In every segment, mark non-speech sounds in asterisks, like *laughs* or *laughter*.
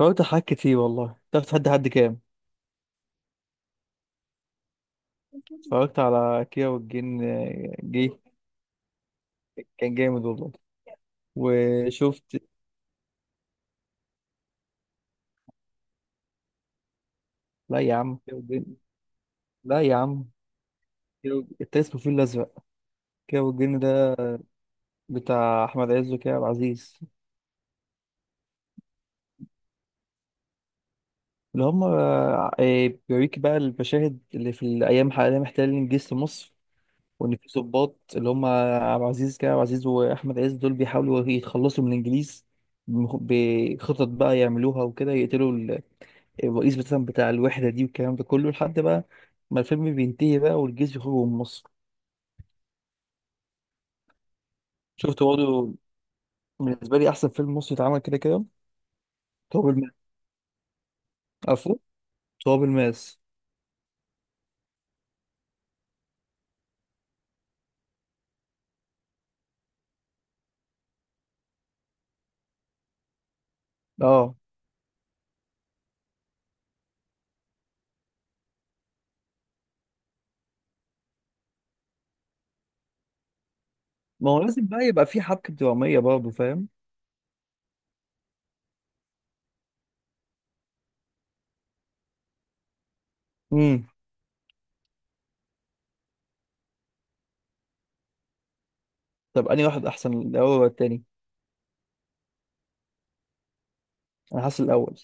اتفرجت على حاجات كتير والله. تعرف تحدي حد كام؟ اتفرجت على كيرة والجن جه. كان جامد والله. وشفت. لا يا عم، كيرة والجن. لا يا عم، انت اسمه الفيل الأزرق. كيرة والجن ده بتاع أحمد عز وكريم عبد العزيز. اللي هم بيوريك بقى المشاهد اللي في الأيام حاليا محتلين جيش مصر، وإن في ضباط اللي هم عبد العزيز كريم عبد العزيز وأحمد عز، دول بيحاولوا يتخلصوا من الإنجليز. بخطط بقى يعملوها وكده، يقتلوا الرئيس مثلا بتاع الوحدة دي والكلام ده كله، لحد بقى ما الفيلم بينتهي بقى والجيش يخرج من مصر. شفت برضه بالنسبة لي أحسن فيلم مصري اتعمل كده كده: تراب الماس. عفوا، تراب الماس. اه، ما هو لازم بقى يبقى في حبكة درامية برضه، فاهم. امم. طب أنهي واحد أحسن، الأول ولا التاني؟ أنا حاسس الأول.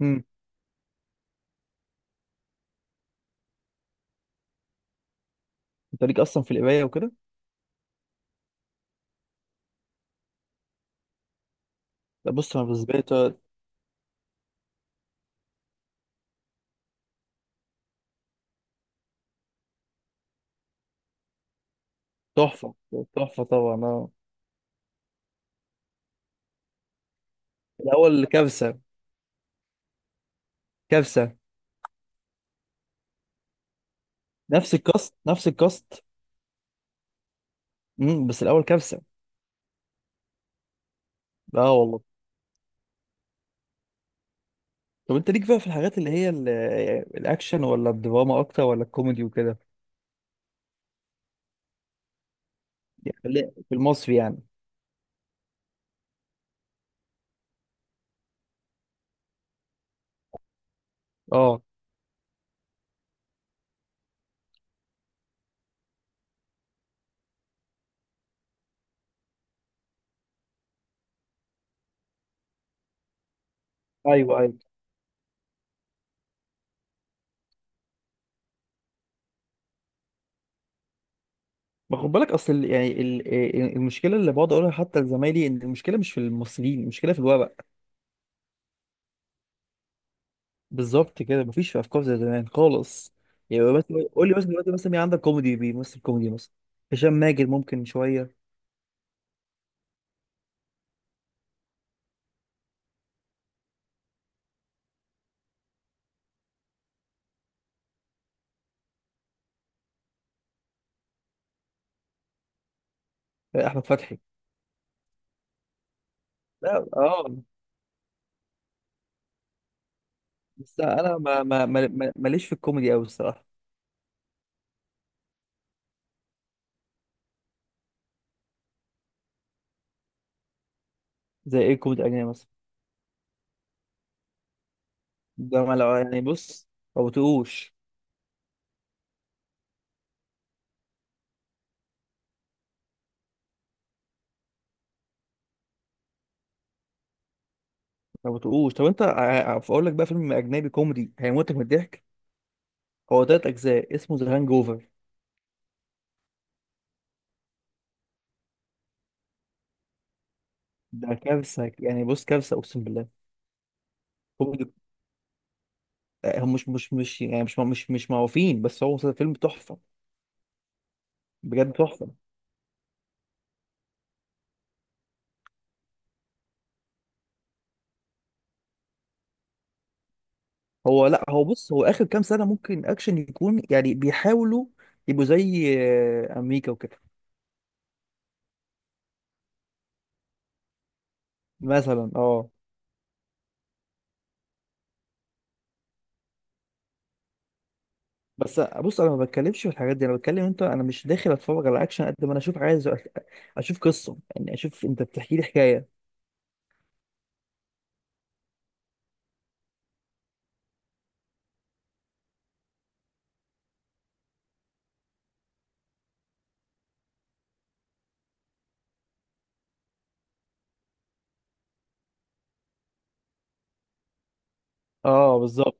امم. أنت ليك أصلا في القراية وكده؟ لا بص أنا بالنسبة لي تحفة. تحفة طبعا، اه. الأول كارثة. كارثة. نفس الكاست نفس الكاست. امم، بس الأول كارثة. اه والله. طب انت ليك بقى في الحاجات اللي هي الاكشن، ولا الدراما اكتر، ولا الكوميدي وكده؟ يعني في المصري يعني. اه، ايوه ايوه. ما خد بالك، اصل المشكله اللي بقعد اقولها حتى لزمايلي، ان المشكله مش في الممثلين، المشكله في الورق. بالظبط كده، مفيش في افكار زي زمان خالص. يعني بس، قول لي مثلا دلوقتي مثلا مين عندك كوميدي بيمثل كوميدي مثلا؟ هشام ماجد ممكن شويه. احمد فتحي، لا اه. بس انا ماليش في الكوميدي قوي الصراحه. زي ايه الكوميدي الاجنبي مثلا؟ ده ما لو يعني بص، ما بتقوش. ما بتقوش. طب انت اقول لك بقى فيلم اجنبي كوميدي هيموتك من الضحك. هو تلات اجزاء اسمه ذا هانج اوفر. ده كارثه يعني، بص كارثه اقسم بالله. كوميدي. هم مش مش مش يعني مش مش مش معروفين، بس هو فيلم تحفه. بجد تحفه. هو لا، هو بص هو اخر كام سنه ممكن اكشن يكون، يعني بيحاولوا يبقوا زي امريكا وكده. مثلا اه. بس بص انا ما بتكلمش في الحاجات دي، انا بتكلم انت انا مش داخل اتفرج على اكشن قد ما انا اشوف، عايز اشوف قصه، يعني اشوف انت بتحكي لي حكايه. اه بالظبط.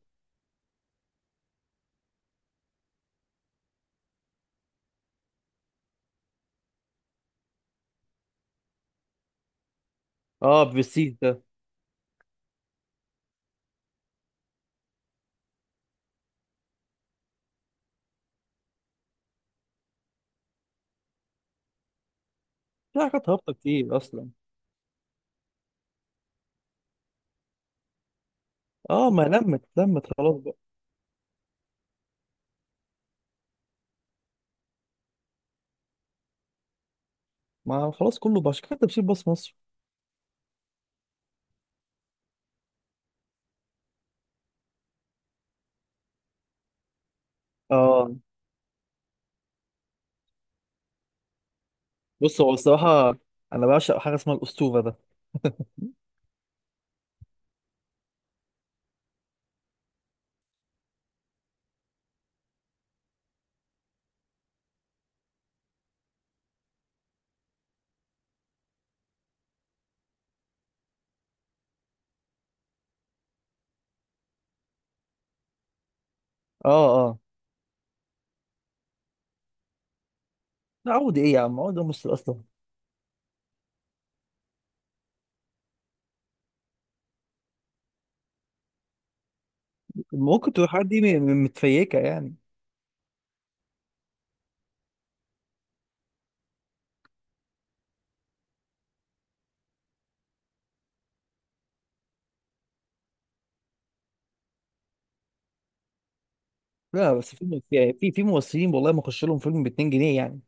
اه بالسيت ده. في حاجات هابطه كتير اصلا. اه، ما لمت لمت خلاص بقى. ما خلاص، كله بقى عشان كده تمثيل باص مصر. اه بص هو الصراحه انا بعشق حاجه اسمها الاسطوره ده. اه اه. لا عودي ايه يا عم، عودي مصر اصلا. ممكن تبقى الحاجات دي متفيكه يعني. لا بس فيلم في في في ممثلين والله ما اخش لهم فيلم ب 2 جنيه يعني.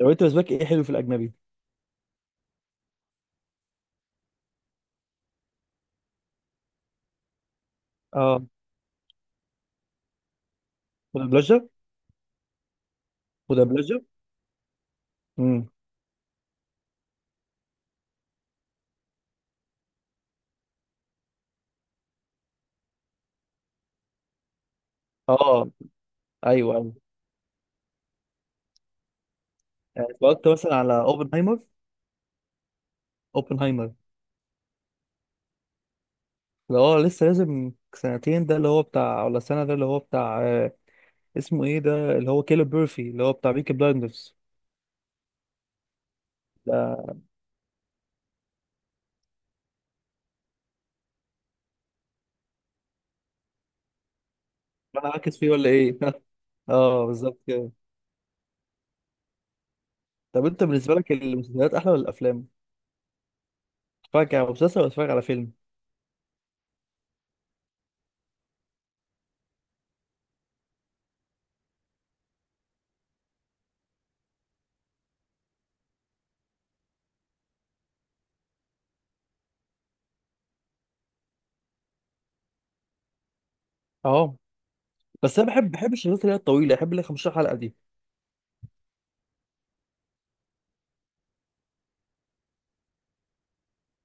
لو انت بالنسبه لك ايه حلو في الاجنبي؟ اه. مدبلجة. مدبلجة. امم. اه. ايوه ايوه. يعني اتفرجت مثلا على اوبنهايمر؟ اوبنهايمر. اللي هو لسه لازم سنتين ده اللي هو بتاع، ولا سنة ده اللي هو بتاع اسمه ايه ده، اللي هو كيلو بيرفي اللي هو بتاع بيكي بلايندرز ده. انا عاكس فيه ولا ايه؟ *laughs* اه بالظبط كده. طب انت بالنسبة لك المسلسلات احلى ولا الافلام؟ تتفرج على مسلسل ولا تتفرج على فيلم؟ اه، بس انا بحب بحب الشغلات اللي هي الطويلة، بحب اللي هي 15 حلقة دي.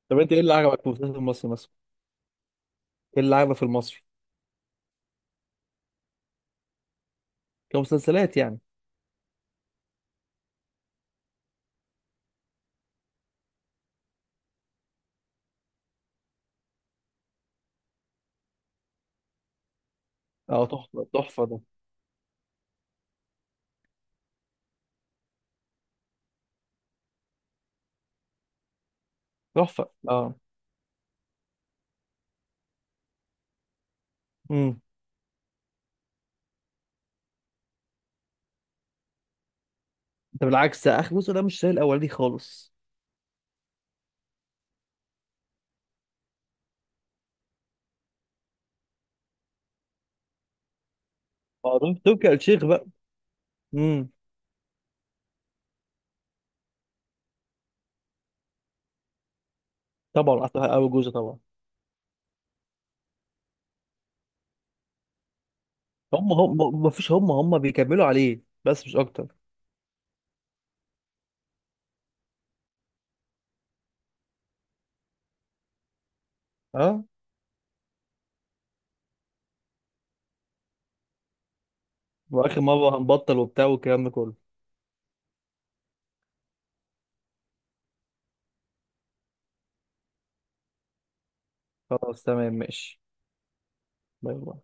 طب انت ايه اللي عجبك في المسلسل المصري مثلا؟ ايه اللي عجبك في المصري؟ كمسلسلات يعني. اه تحفة تحفة ده. تحفة اه. امم. ده بالعكس، ده اخر جزء ده مش زي الاولاني خالص. اه دول تركي آل الشيخ بقى. امم. طبعا احلى اول جزء طبعا. هم هم، ما فيش، هم هم بيكملوا عليه بس مش اكتر. اه، واخر مرة هنبطل وبتاع والكلام ده كله. خلاص تمام ماشي. باي باي.